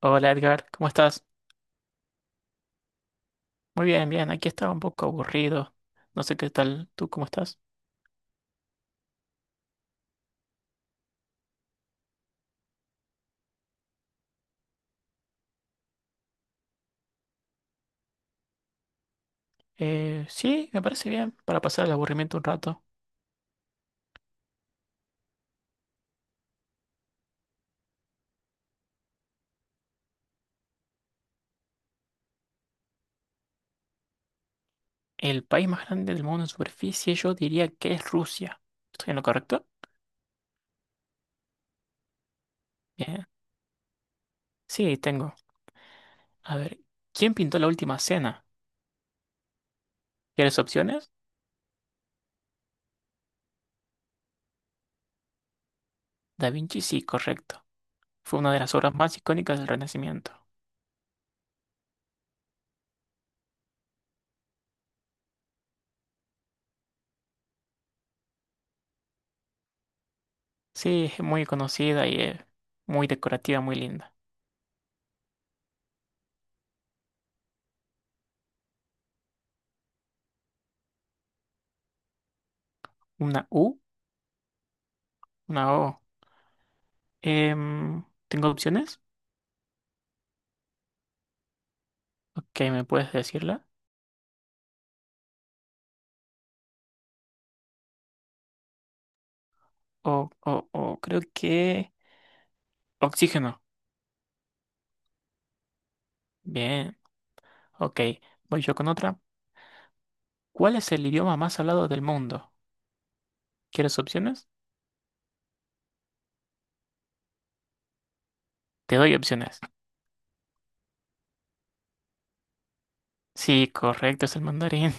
Hola Edgar, ¿cómo estás? Muy bien, bien, aquí estaba un poco aburrido. No sé qué tal, ¿tú cómo estás? Sí, me parece bien, para pasar el aburrimiento un rato. El país más grande del mundo en superficie, yo diría que es Rusia. ¿Estoy en lo correcto? Bien. Sí, tengo. A ver, ¿quién pintó la última cena? ¿Quieres opciones? Da Vinci, sí, correcto. Fue una de las obras más icónicas del Renacimiento. Sí, es muy conocida y muy decorativa, muy linda. Una U, una O. ¿Tengo opciones? Ok, ¿me puedes decirla? O creo que oxígeno. Bien. Ok, voy yo con otra. ¿Cuál es el idioma más hablado del mundo? ¿Quieres opciones? Te doy opciones. Sí, correcto, es el mandarín.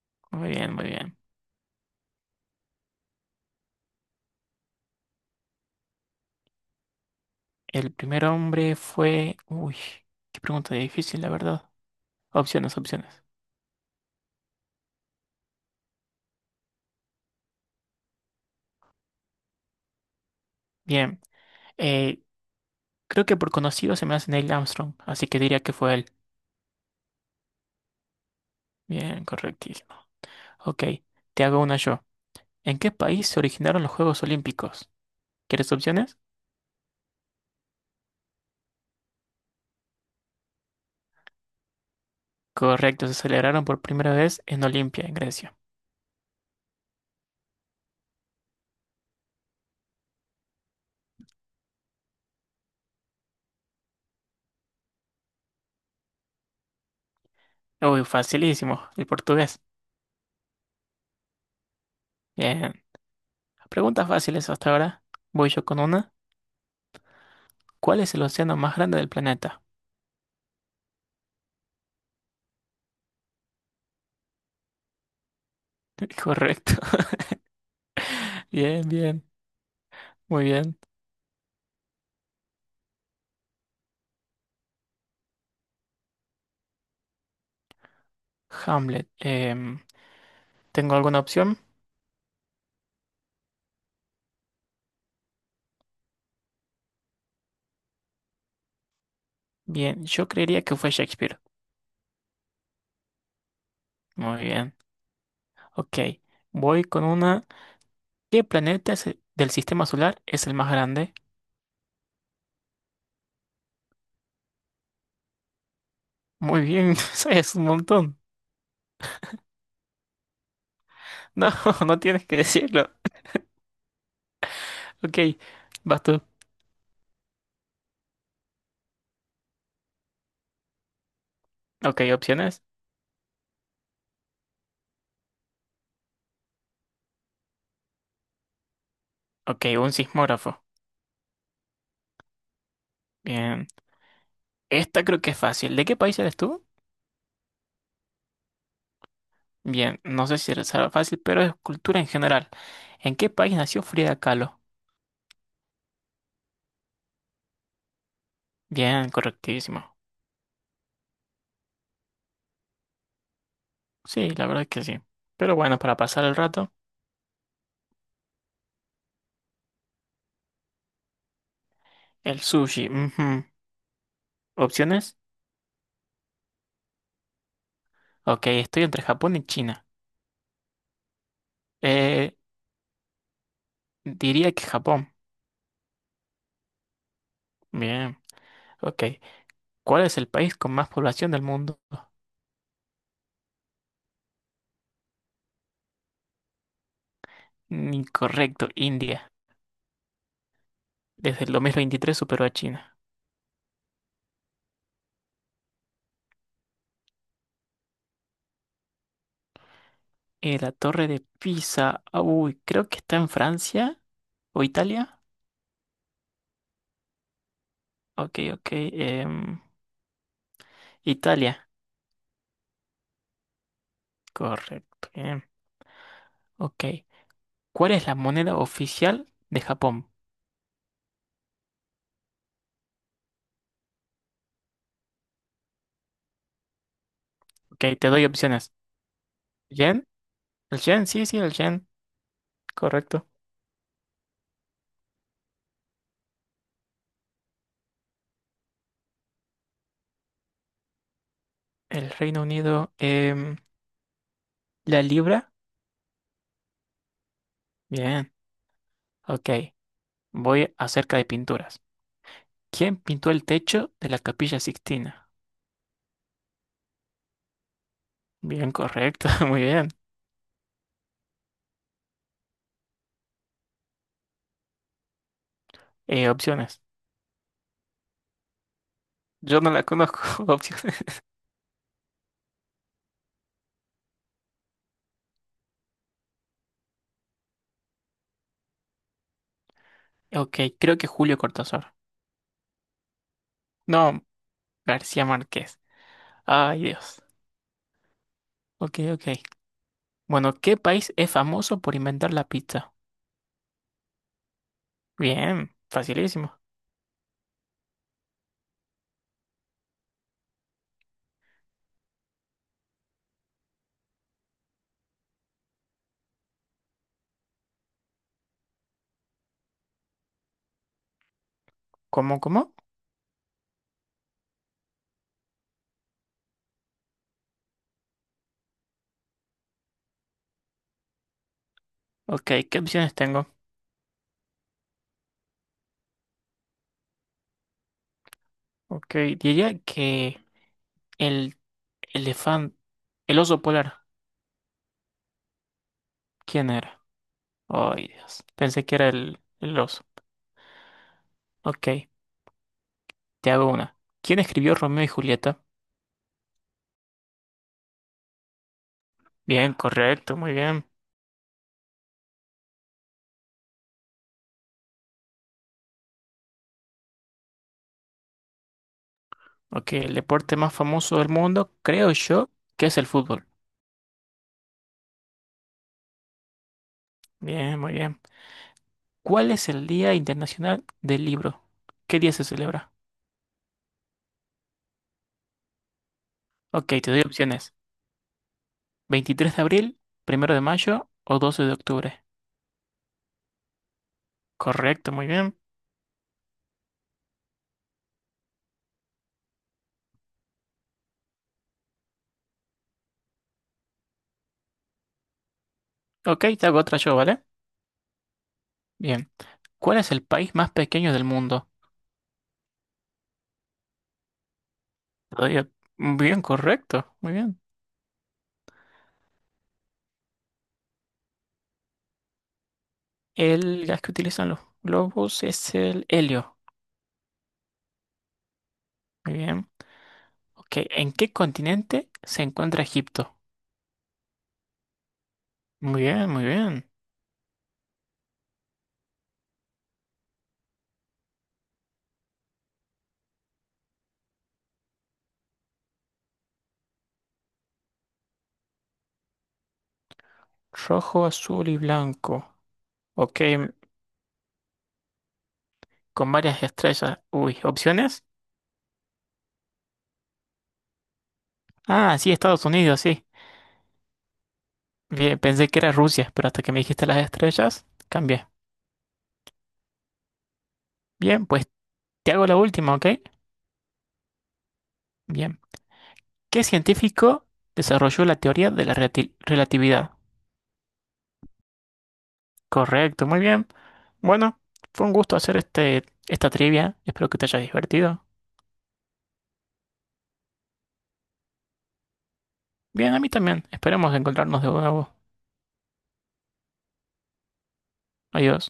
Muy bien, muy bien. El primer hombre fue, uy, qué pregunta difícil, la verdad. Opciones, opciones. Bien. eh, Creo que por conocido se me hace Neil Armstrong, así que diría que fue él. Bien, correctísimo. Ok, te hago una yo. ¿En qué país se originaron los Juegos Olímpicos? ¿Quieres opciones? Correcto, se celebraron por primera vez en Olimpia, en Grecia. Uy, facilísimo, el portugués. Bien, preguntas fáciles hasta ahora. Voy yo con una. ¿Cuál es el océano más grande del planeta? Correcto. Bien, bien, muy bien. Hamlet. ¿Tengo alguna opción? Bien, yo creería que fue Shakespeare. Muy bien. Ok, voy con una. ¿Qué planeta del sistema solar es el más grande? Muy bien, sabes un montón. No, no tienes que decirlo. Ok, vas tú. Ok, opciones. Ok, un sismógrafo. Bien. Esta creo que es fácil. ¿De qué país eres tú? Bien, no sé si será fácil, pero es cultura en general. ¿En qué país nació Frida Kahlo? Bien, correctísimo. Sí, la verdad es que sí. Pero bueno, para pasar el rato, el sushi. Ujú. ¿Opciones? Ok, estoy entre Japón y China. Eh, Diría que Japón. Bien, ok. ¿Cuál es el país con más población del mundo? Incorrecto, India. Desde el 2023 superó a China. La Torre de Pisa. Ah, uy, creo que está en Francia o Italia. Ok, ok. Italia. Correcto. Bien. Ok. ¿Cuál es la moneda oficial de Japón? Ok, te doy opciones. ¿Yen? ¿El yen? Sí, sí, el yen. Correcto. El Reino Unido. ¿La libra? Bien. Ok. Voy acerca de pinturas. ¿Quién pintó el techo de la Capilla Sixtina? Bien, correcto. Muy bien. Opciones. Yo no la conozco. Opciones. Ok, creo que Julio Cortázar. No, García Márquez. Ay, Dios. Ok, ok. Bueno, ¿qué país es famoso por inventar la pizza? Bien, facilísimo. ¿Cómo, cómo? Ok, ¿qué opciones tengo? Ok, diría que el elefante, el oso polar. ¿Quién era? Ay, Dios. Pensé que era el oso. Ok, te hago una. ¿Quién escribió Romeo y Julieta? Bien, correcto, muy bien. Ok, el deporte más famoso del mundo, creo yo, que es el fútbol. Bien, muy bien. ¿Cuál es el Día Internacional del Libro? ¿Qué día se celebra? Ok, te doy opciones. 23 de abril, 1 de mayo o 12 de octubre. Correcto, muy bien. Ok, te hago otra yo, ¿vale? Bien. ¿Cuál es el país más pequeño del mundo? Te doy op- Bien, correcto, muy bien. El gas que utilizan los globos es el helio. Muy bien. Ok, ¿en qué continente se encuentra Egipto? Muy bien, muy bien. Rojo, azul y blanco. Ok, con varias estrellas. Uy, ¿opciones? Ah, sí, Estados Unidos, sí. Bien, pensé que era Rusia, pero hasta que me dijiste las estrellas, cambié. Bien, pues te hago la última, ¿ok? Bien. ¿Qué científico desarrolló la teoría de la relatividad? Correcto, muy bien. Bueno, fue un gusto hacer este, esta trivia. Espero que te haya divertido. Bien, a mí también. Esperemos encontrarnos de nuevo. Adiós.